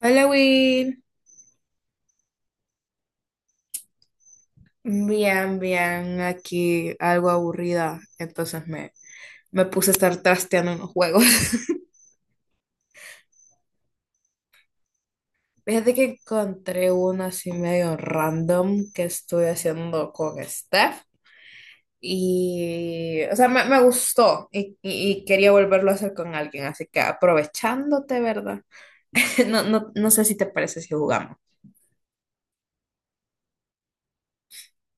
Hola, Will. Aquí algo aburrida, entonces me puse a estar trasteando unos juegos. Fíjate que encontré uno así medio random que estoy haciendo con Steph y, o sea, me gustó, y quería volverlo a hacer con alguien, así que aprovechándote, ¿verdad? No, no, no sé si te parece si jugamos.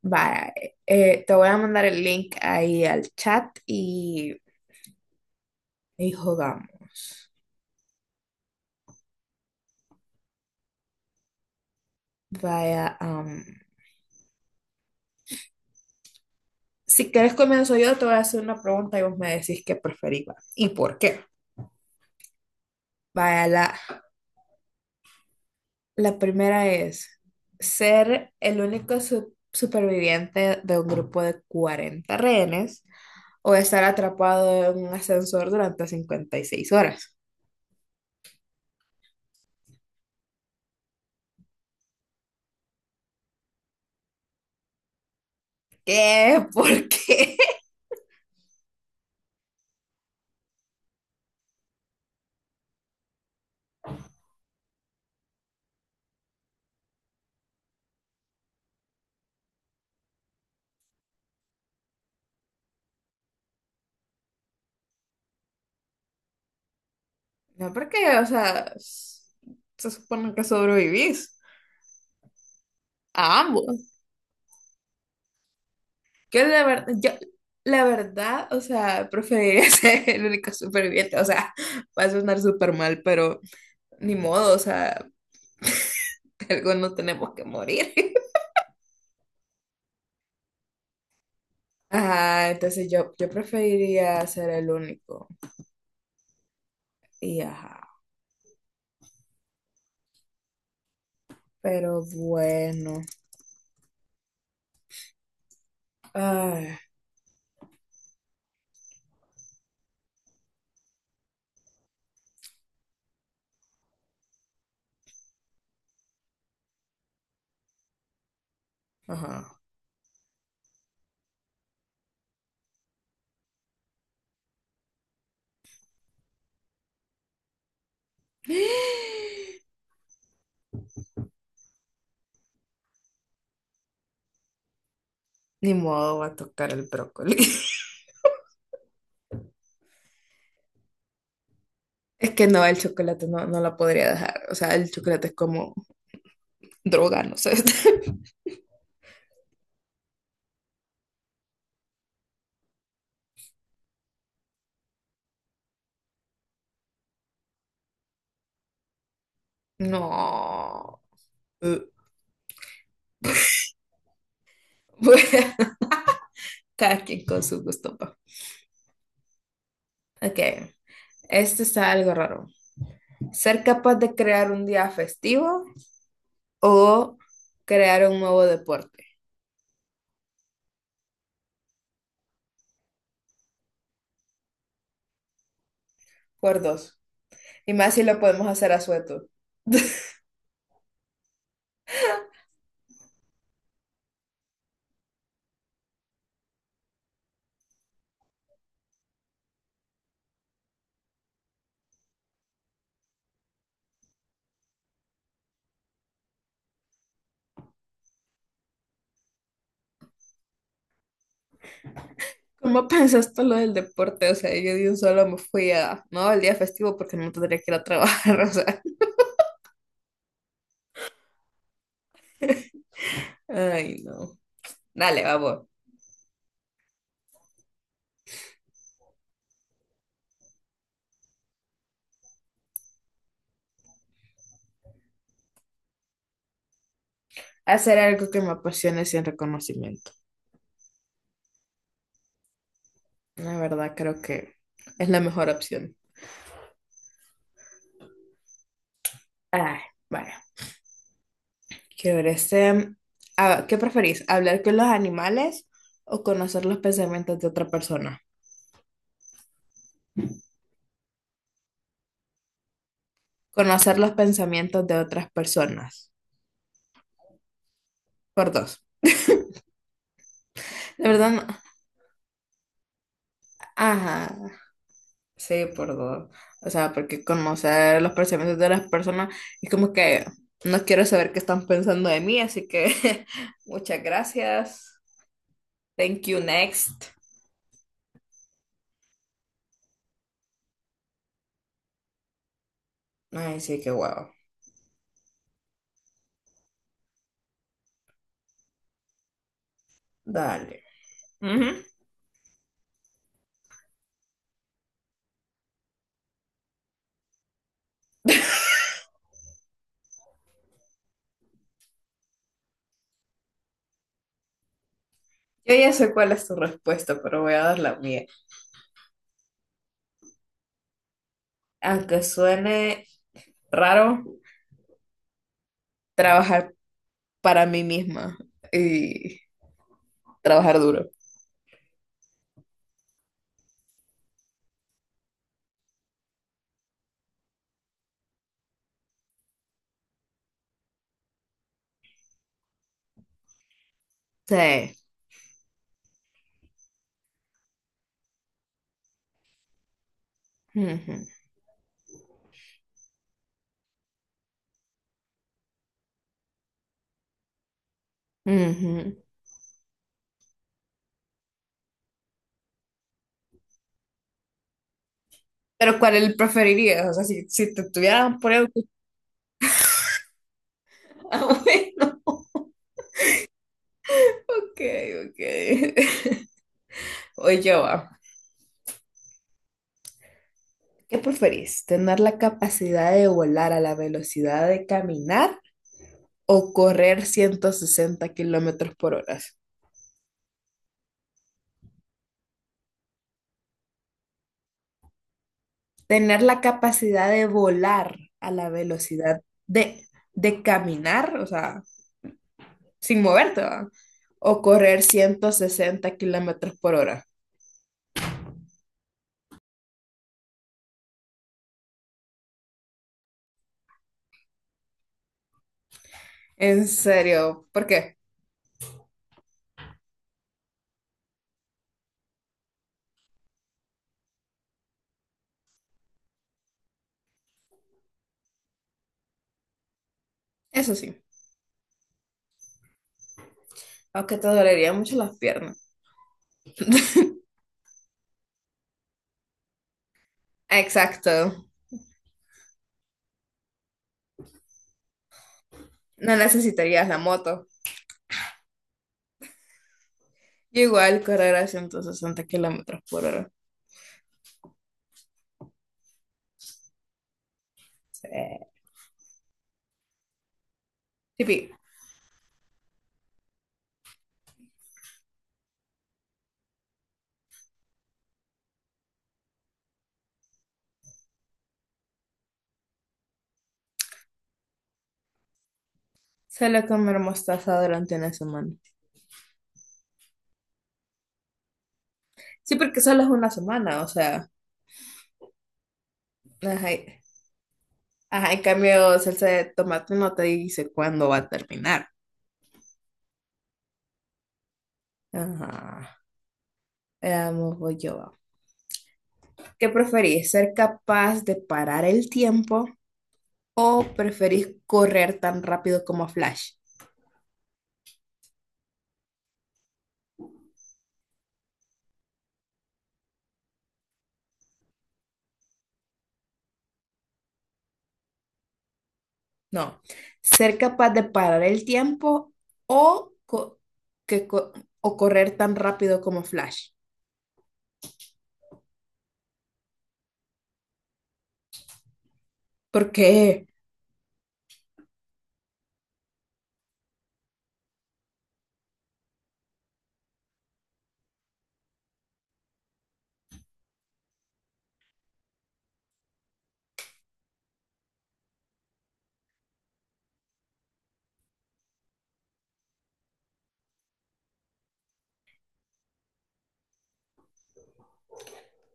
Vale, te voy a mandar el link ahí al chat y jugamos. Vaya. Si querés comienzo yo, te voy a hacer una pregunta y vos me decís qué preferís va, y por qué. Vaya, la, la primera es ser el único superviviente de un grupo de 40 rehenes o estar atrapado en un ascensor durante 56 horas. ¿Qué? ¿Por qué? No, porque, o sea, se supone que sobrevivís a ambos. Yo la verdad, yo, la verdad, o sea, preferiría ser el único superviviente. O sea, va a sonar súper mal, pero ni modo, o sea, algo no tenemos que morir. Ajá, entonces yo preferiría ser el único. Y ajá, pero bueno. Ay, ajá. Ni modo va a tocar el brócoli. Es que no, el chocolate no, no la podría dejar. O sea, el chocolate es como droga, no sé. No. Uh. Cada quien con su gusto, pa. Ok, este está algo raro. ¿Ser capaz de crear un día festivo o crear un nuevo deporte? Por dos. Y más si lo podemos hacer a sueto. ¿Cómo pensaste lo del deporte? O sea, yo de un solo me fui a, no, el día festivo porque no tendría que ir a trabajar, o sea, ay, no. Dale, vamos. Hacer algo que me apasione sin reconocimiento. La verdad, creo que es la mejor opción. Ay, vale. Chévere. ¿Qué preferís? ¿Hablar con los animales o conocer los pensamientos de otra persona? Conocer los pensamientos de otras personas. Por dos. De verdad, ajá. Sí, por dos. O sea, porque conocer los pensamientos de las personas es como que no quiero saber qué están pensando de mí, así que muchas gracias. Thank you, next. Ay, sí, qué guau. Dale. Ujú. Yo ya sé cuál es tu respuesta, pero voy a dar la mía. Aunque suene raro, trabajar para mí misma y trabajar duro. Sí. Ujú, ujú. Pero ¿cuál el preferirías? O sea, si te estuvieran poniendo... Ah, bueno, ok, ok. Oye, va. ¿Qué preferís? ¿Tener la capacidad de volar a la velocidad de caminar o correr 160 kilómetros por hora? Tener la capacidad de volar a la velocidad de caminar, o sea, sin moverte, ¿va? O correr 160 kilómetros por hora. En serio, ¿por qué? Eso sí, aunque te dolería mucho las piernas. Exacto, no necesitarías la moto. Igual correr a 160 kilómetros por hora. Sí. Tipi, solo comer mostaza durante una semana. Sí, porque solo es una semana, o sea, ajá, ajá, en cambio salsa de tomate no te dice cuándo va a terminar. Ajá, veamos, voy yo. ¿Qué preferís? ¿Ser capaz de parar el tiempo o preferís correr tan rápido como Flash? No, ser capaz de parar el tiempo o, co- que co- o correr tan rápido como Flash. ¿Por qué?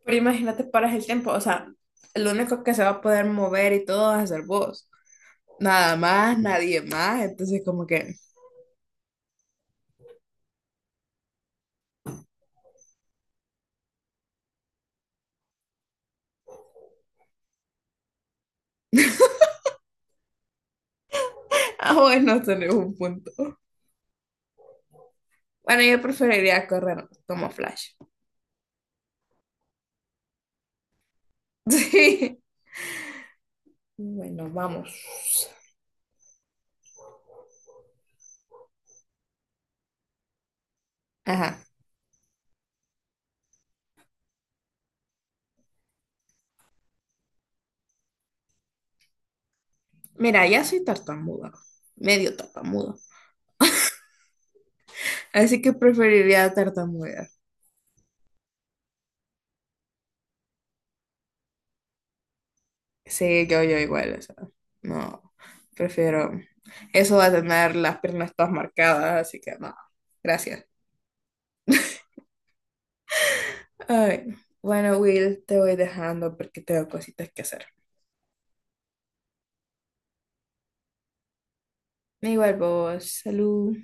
Pero imagínate, paras el tiempo, o sea, lo único que se va a poder mover y todo va a ser vos. Nada más, nadie más. Entonces, como que, ah, bueno, tenés un punto. Bueno, yo preferiría correr como Flash. Sí. Bueno, vamos. Ajá. Mira, ya soy tartamuda, medio tartamuda. Así que preferiría tartamudear. Sí, yo igual, o sea, no, prefiero. Eso va a tener las piernas todas marcadas, así que no, gracias. Ay, bueno, Will, te voy dejando porque tengo cositas que hacer. Igual vos, salud.